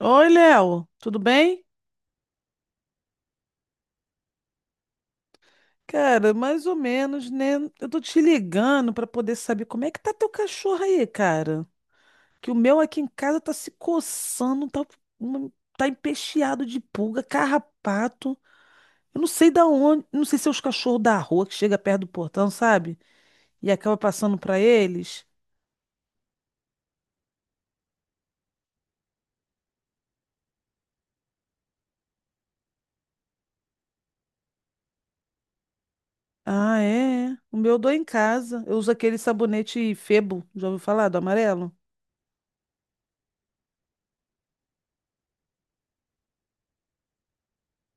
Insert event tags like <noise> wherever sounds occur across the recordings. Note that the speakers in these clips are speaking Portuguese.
Oi, Léo, tudo bem? Cara, mais ou menos, né? Eu tô te ligando pra poder saber como é que tá teu cachorro aí, cara. Que o meu aqui em casa tá se coçando, tá, uma- tá empecheado de pulga, carrapato. Eu não sei da onde, não sei se é os cachorros da rua que chega perto do portão, sabe? E acaba passando pra eles. Ah, é. É. O meu eu dou em casa. Eu uso aquele sabonete Febo, já ouviu falar do amarelo?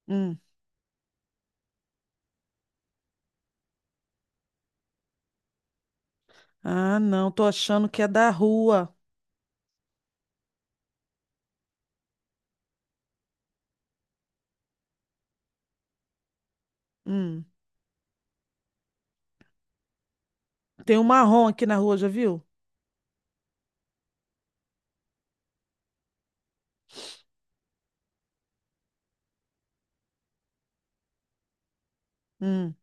Hum. Ah, não, tô achando que é da rua. Hum. Tem um marrom aqui na rua, já viu? Hum.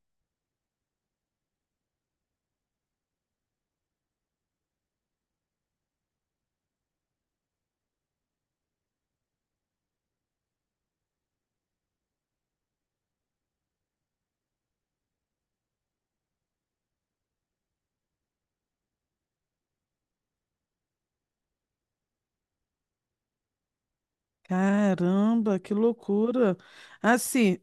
Caramba, que loucura. Assim,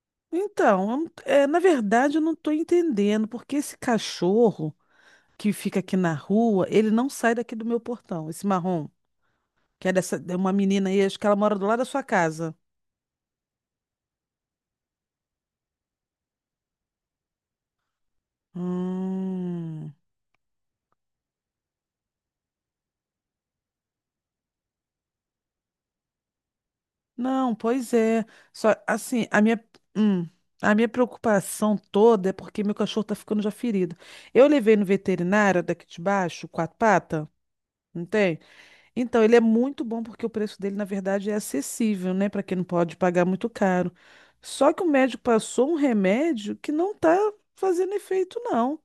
<laughs> então, eu não- é, na verdade eu não estou entendendo porque esse cachorro que fica aqui na rua, ele não sai daqui do meu portão, esse marrom, que é dessa, é uma menina aí, acho que ela mora do lado da sua casa. Hum. Não, pois é. Só, assim, hum, a minha preocupação toda é porque meu cachorro tá ficando já ferido. Eu levei no veterinário daqui de baixo, quatro patas. Não tem? Então, ele é muito bom porque o preço dele, na verdade, é acessível, né, para quem não pode pagar muito caro. Só que o médico passou um remédio que não tá fazendo efeito, não.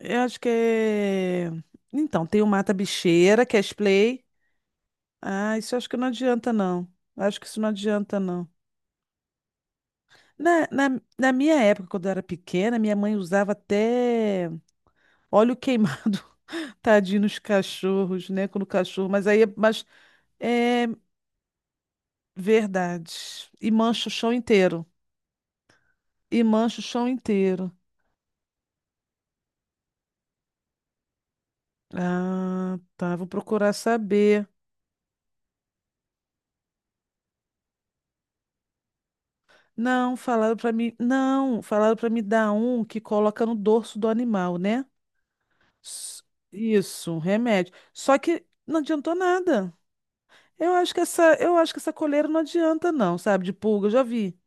Eu acho que é. Então, tem o mata-bicheira, que é Splay. Ah, isso eu acho que não adianta, não. Acho que isso não adianta, não. Na minha época, quando eu era pequena, minha mãe usava até óleo queimado, <laughs> tadinho nos cachorros, né? Quando o cachorro. Mas aí, mas, é, verdade. E mancha o chão inteiro. E mancha o chão inteiro. Ah, tá. Vou procurar saber. Não, falaram pra mim. Não, falaram pra me dar um que coloca no dorso do animal, né? S- Isso, um remédio. Só que não adiantou nada. Eu acho que essa coleira não adianta, não, sabe? De pulga, eu já vi.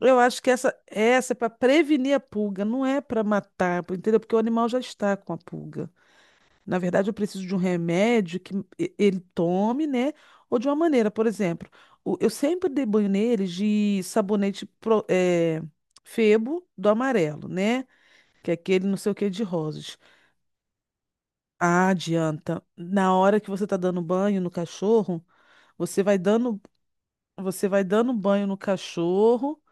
Eu acho que essa, é pra prevenir a pulga, não é pra matar, entendeu? Porque o animal já está com a pulga. Na verdade, eu preciso de um remédio que ele tome, né? Ou de uma maneira, por exemplo, eu sempre dei banho neles de sabonete Febo do amarelo, né? Que é aquele não sei o que de rosas. Ah, adianta. Na hora que você tá dando banho no cachorro, você vai dando, você vai dando banho no cachorro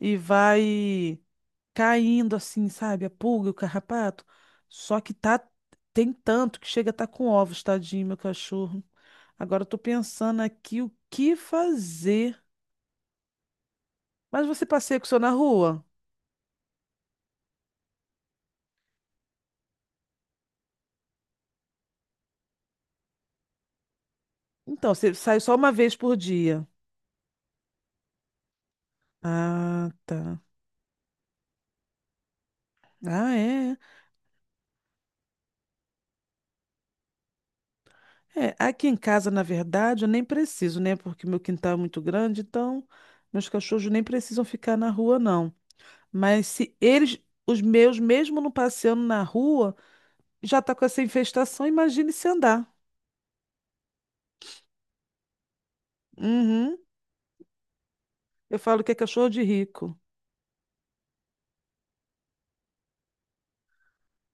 e vai caindo assim, sabe? A pulga, o carrapato. Só que tá Tem tanto que chega a tá com ovos, tadinho, meu cachorro. Agora eu tô pensando aqui o que fazer. Mas você passeia com o seu na rua? Então, você sai só uma vez por dia. Ah, tá. Ah, é. É, aqui em casa, na verdade, eu nem preciso, né? Porque meu quintal é muito grande, então meus cachorros nem precisam ficar na rua, não. Mas se eles, os meus, mesmo não passeando na rua, já tá com essa infestação, imagine se andar. Uhum. Eu falo que é cachorro de rico.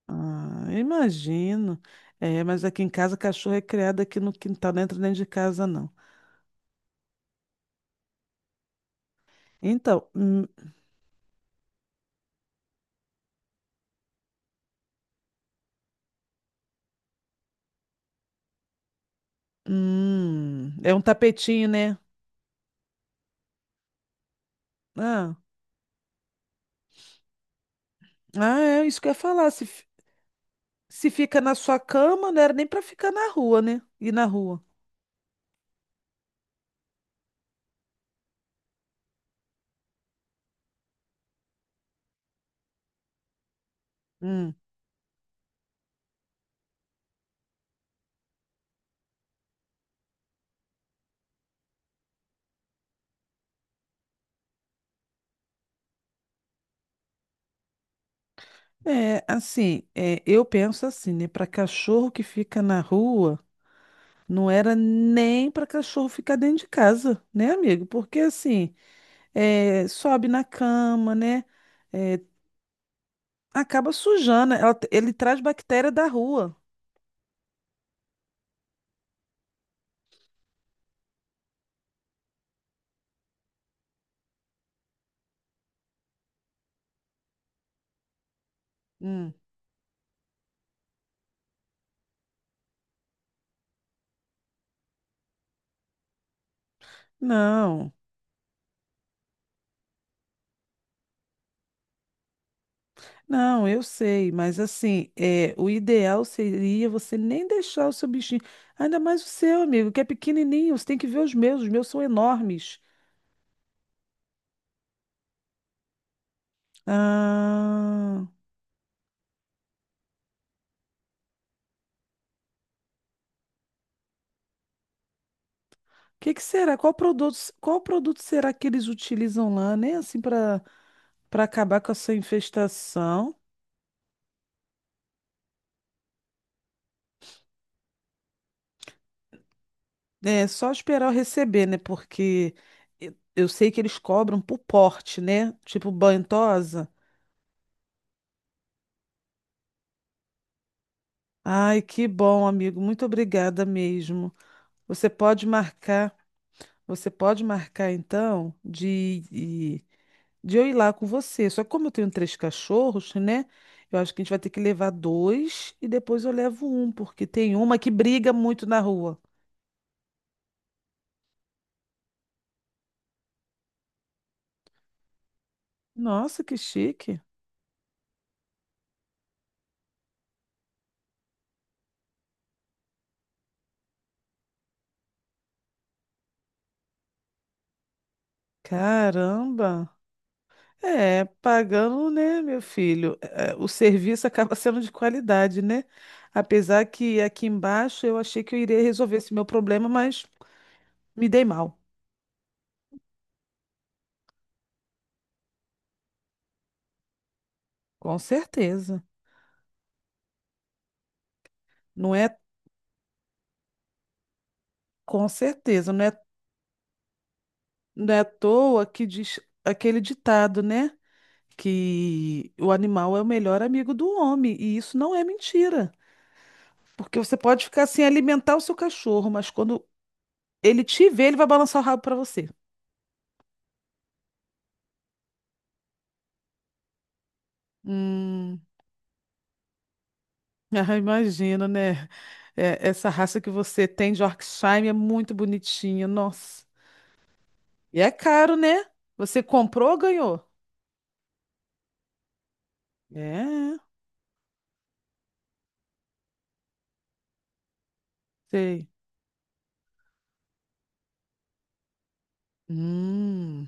Ah, imagino. É, mas aqui em casa cachorro é criado aqui no quintal, não entra dentro de casa, não. Então, é um tapetinho, né? Ah, ah, é isso que eu ia falar. Se fica na sua cama, não era nem pra ficar na rua, né? E na rua. Hum. É, assim, eu penso assim, né? Para cachorro que fica na rua, não era nem para cachorro ficar dentro de casa, né, amigo? Porque assim, sobe na cama, né? É, acaba sujando. Ele traz bactéria da rua. Hum. Não, não, eu sei, mas assim, o ideal seria você nem deixar o seu bichinho, ainda mais o seu, amigo, que é pequenininho. Você tem que ver os meus, são enormes. Ah. Que será? Qual produto será que eles utilizam lá, né? Assim, para acabar com essa infestação. É só esperar eu receber, né? Porque eu sei que eles cobram por porte, né? Tipo bentosa. Ai, que bom, amigo. Muito obrigada mesmo. Você pode marcar. Você pode marcar então de eu ir lá com você. Só que como eu tenho três cachorros, né? Eu acho que a gente vai ter que levar dois e depois eu levo um, porque tem uma que briga muito na rua. Nossa, que chique. Caramba. É, pagando, né, meu filho? É, o serviço acaba <laughs> sendo de qualidade, né? Apesar que aqui embaixo eu achei que eu iria resolver esse meu problema, mas me dei mal. Com certeza. Não é, com certeza, não é. Não é à toa que diz aquele ditado, né? Que o animal é o melhor amigo do homem. E isso não é mentira. Porque você pode ficar sem alimentar o seu cachorro, mas quando ele te vê, ele vai balançar o rabo para você. Hum, <laughs> ah, imagino, né? É, essa raça que você tem de Yorkshire é muito bonitinha, nossa. E é caro, né? Você comprou ou ganhou? É, sei. Hum,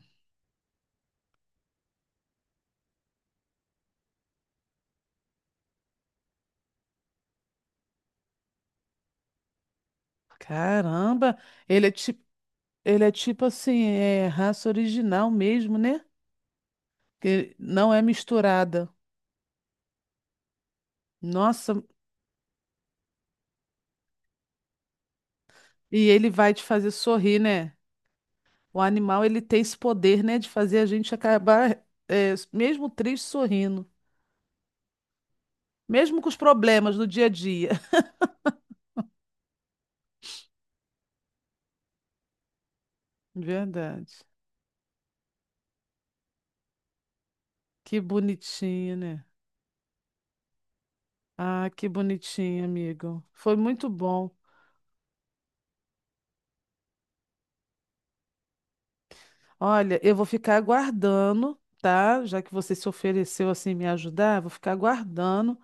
caramba. Ele é tipo. Ele é tipo assim, é raça original mesmo, né? Que não é misturada. Nossa, e ele vai te fazer sorrir, né? O animal, ele tem esse poder, né, de fazer a gente acabar, mesmo triste, sorrindo. Mesmo com os problemas do dia a dia. <laughs> Verdade. Que bonitinho, né? Ah, que bonitinho, amigo. Foi muito bom. Olha, eu vou ficar aguardando, tá? Já que você se ofereceu assim me ajudar, vou ficar aguardando.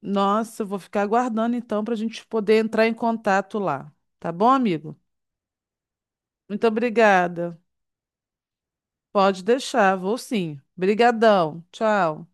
Nossa, eu vou ficar aguardando então para a gente poder entrar em contato lá. Tá bom, amigo? Muito obrigada. Pode deixar, vou sim. Brigadão. Tchau.